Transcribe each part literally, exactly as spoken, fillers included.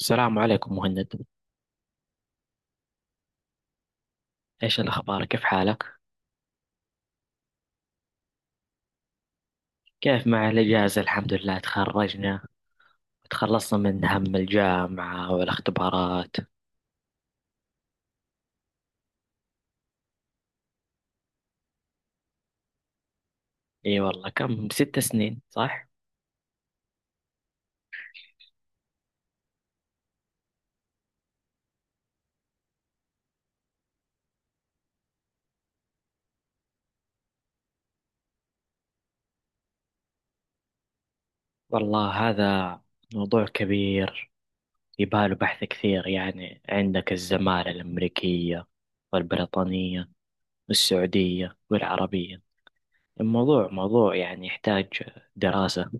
السلام عليكم، مهند. ايش الاخبار؟ كيف حالك؟ كيف مع الاجازه؟ الحمد لله تخرجنا، تخلصنا من هم الجامعه والاختبارات. اي والله. كم، ست سنين صح؟ والله هذا موضوع كبير، يباله بحث كثير. يعني عندك الزمالة الأمريكية والبريطانية والسعودية والعربية. الموضوع موضوع يعني يحتاج دراسة.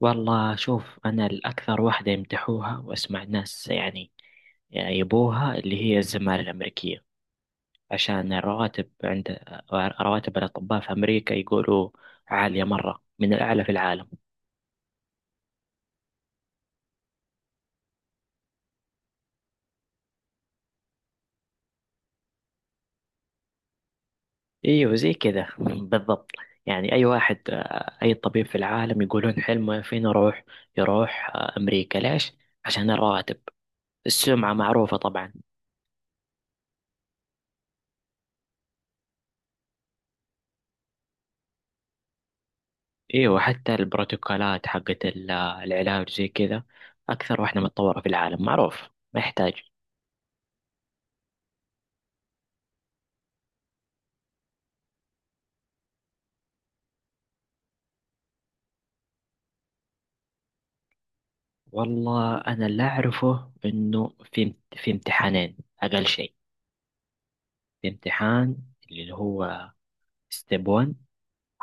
والله شوف، أنا الأكثر واحدة يمدحوها وأسمع ناس يعني يبوها اللي هي الزمالة الأمريكية، عشان الرواتب. عند رواتب الأطباء في أمريكا يقولوا عالية مرة، من الأعلى في العالم. أيوه زي كذا بالضبط. يعني أي واحد، آه، أي طبيب في العالم يقولون حلمه فين يروح؟ يروح آه، أمريكا. ليش؟ عشان الرواتب. السمعة معروفة طبعا. ايوه، وحتى البروتوكولات حقت ال- العلاج زي كذا اكثر واحدة متطورة في العالم، معروف، ما يحتاج. والله انا اللي اعرفه انه في في امتحانين اقل شيء. في امتحان اللي هو ستيب ون،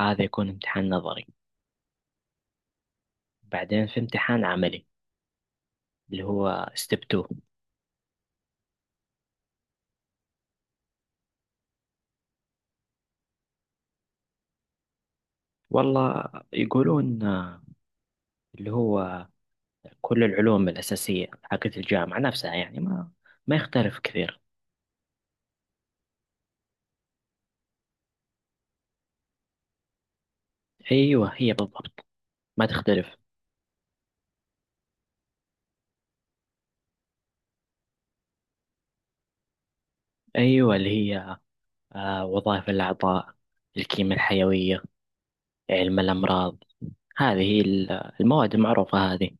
هذا يكون امتحان نظري. بعدين في امتحان عملي اللي هو ستيب تو. والله يقولون آه، اللي هو كل العلوم الأساسية حقت الجامعة نفسها، يعني ما ما يختلف كثير. ايوه، هي بالضبط، ما تختلف. أيوة اللي هي آه، وظائف الأعضاء، الكيمياء الحيوية، علم الأمراض. هذه هي ال- المواد المعروفة هذه.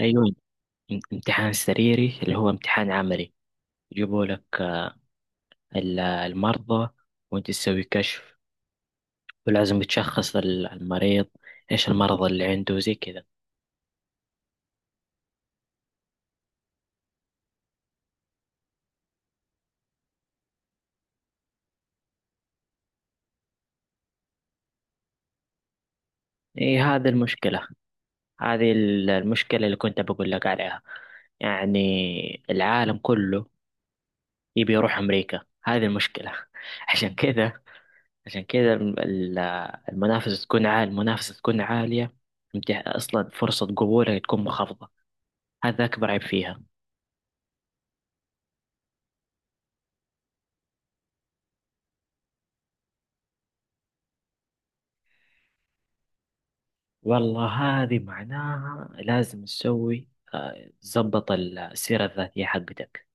أيوة، ام- امتحان سريري اللي هو امتحان عملي. يجيبوا لك آه، ال- المرضى، وأنت تسوي كشف، ولازم تشخص ال- المريض إيش المرض اللي عنده زي كذا. إيه، هذه المشكلة. هذه ال- المشكلة اللي كنت بقول لك عليها. يعني العالم كله يبي يروح أمريكا، هذه المشكلة. عشان كذا، عشان كده الم- ال- المنافسة تكون عالية، المنافسة تكون عالية. امتح- أصلا فرصة قبولك تكون منخفضة، هذا أكبر عيب فيها. والله هذه معناها لازم تسوي، آه، تظبط السيرة الذاتية حقتك.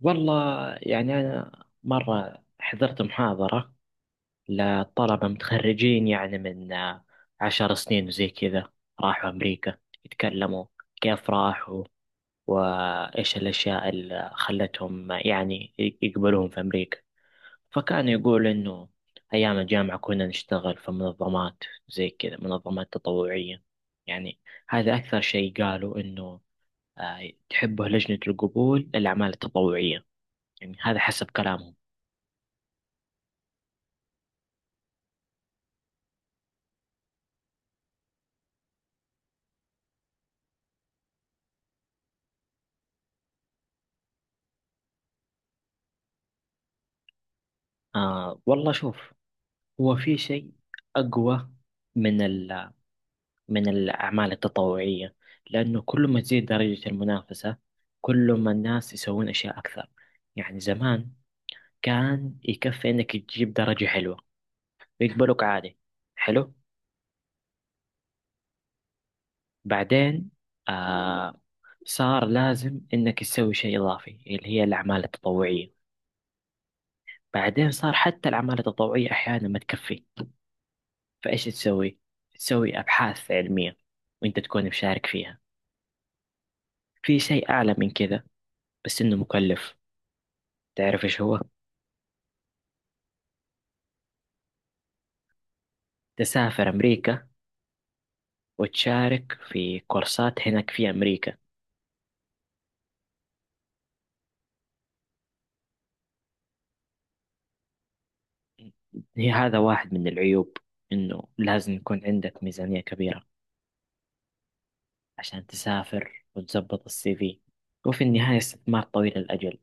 والله يعني أنا مرة حضرت محاضرة لطلبة متخرجين يعني من آه، عشر سنين وزي كذا، راحوا أمريكا يتكلموا كيف راحوا وإيش الأشياء اللي خلتهم يعني يقبلوهم في أمريكا. فكان يقول إنه أيام الجامعة كنا نشتغل في منظمات، زي كذا، منظمات تطوعية. يعني هذا أكثر شيء قالوا إنه آه، تحبه لجنة القبول للأعمال التطوعية، يعني هذا حسب كلامهم. آه والله شوف، هو في شيء أقوى من من الأعمال التطوعية. لأنه كل ما تزيد درجة المنافسة، كل ما الناس يسوون أشياء أكثر. يعني زمان كان يكفي إنك تجيب درجة حلوة ويقبلوك عادي، حلو. بعدين آه صار لازم إنك تسوي شيء إضافي، اللي هي الأعمال التطوعية. بعدين صار حتى الأعمال التطوعية أحيانا ما تكفي. فإيش تسوي؟ تسوي أبحاث علمية وأنت تكون مشارك فيها. في شيء أعلى من كذا، بس إنه مكلف. تعرف إيش هو؟ تسافر أمريكا وتشارك في كورسات هناك في أمريكا. هي هذا واحد من العيوب، إنه لازم يكون عندك ميزانية كبيرة عشان تسافر وتظبط السي في، وفي النهاية استثمار طويل الأجل.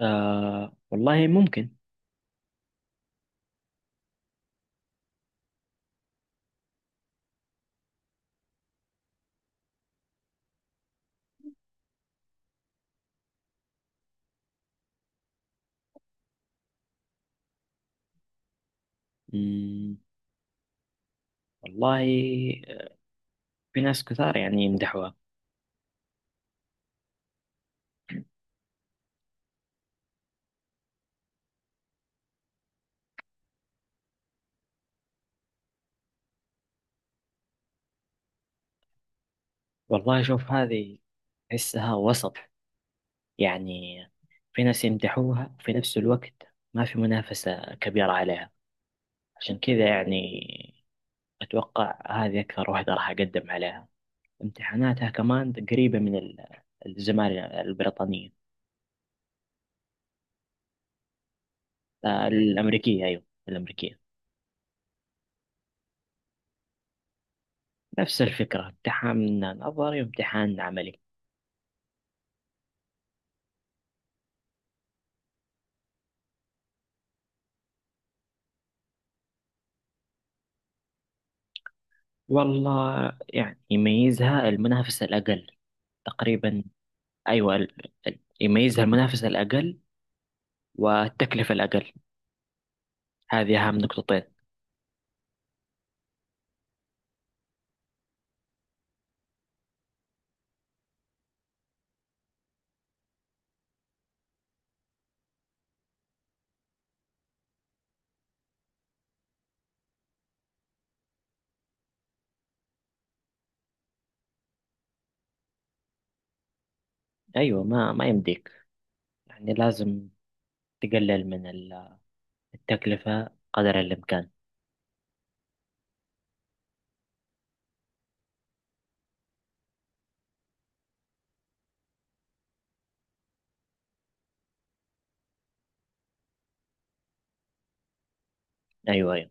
آه والله ممكن. مم، والله في ناس كثار يعني يمدحوها. والله شوف، هذه أحسها وسط. يعني في ناس يمدحوها وفي نفس الوقت ما في منافسة كبيرة عليها، عشان كذا يعني أتوقع هذه أكثر واحدة راح أقدم عليها. امتحاناتها كمان قريبة من ال- الزمالة البريطانية. آه، الأمريكية، أيوة الأمريكية. نفس الفكرة، امتحان نظري وامتحان عملي. والله يعني يميزها المنافسة الأقل تقريبا. أيوة ال- ال- يميزها المنافسة الأقل والتكلفة الأقل. هذه أهم نقطتين. أيوة ما ما يمديك، يعني لازم تقلل من ال- التكلفة قدر الإمكان. أيوة، أيوة.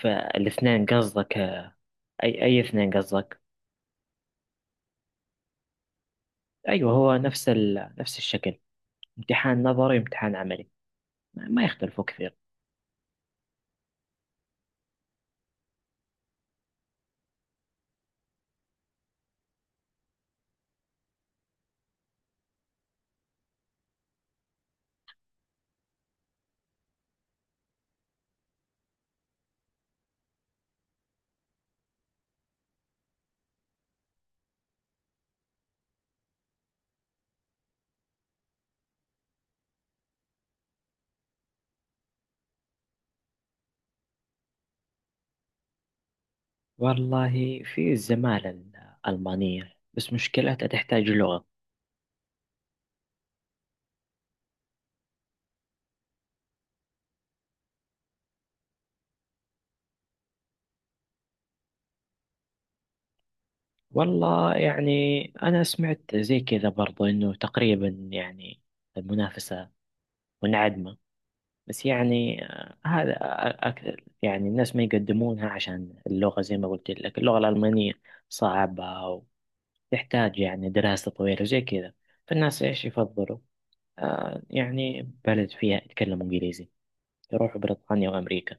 فالاثنين قصدك؟ أي أي اثنين قصدك؟ أيوه، هو نفس ال... نفس الشكل، امتحان نظري وامتحان عملي، ما ما يختلفوا كثير. والله في الزمالة الألمانية، بس مشكلتها تحتاج لغة. والله يعني أنا سمعت زي كذا برضو إنه تقريبا يعني المنافسة منعدمة. بس يعني آه، هذا أكثر، يعني الناس ما يقدمونها عشان اللغة. زي ما قلت لك اللغة الألمانية صعبة، يحتاج يعني دراسة طويلة زي كذا. فالناس إيش يفضلوا؟ آه يعني بلد فيها يتكلموا إنجليزي، يروحوا بريطانيا وأمريكا.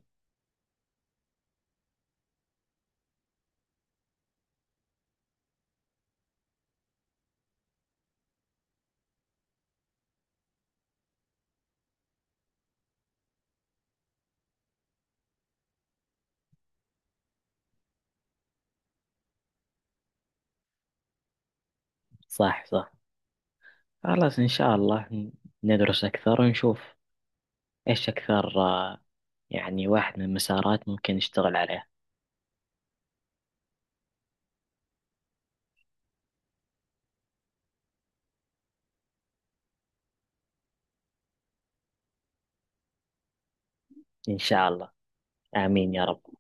صح، صح. خلاص إن شاء الله، ن- ندرس أكثر ونشوف إيش أكثر. آه يعني واحد من المسارات ممكن نشتغل عليها. إن شاء الله. آمين يا رب.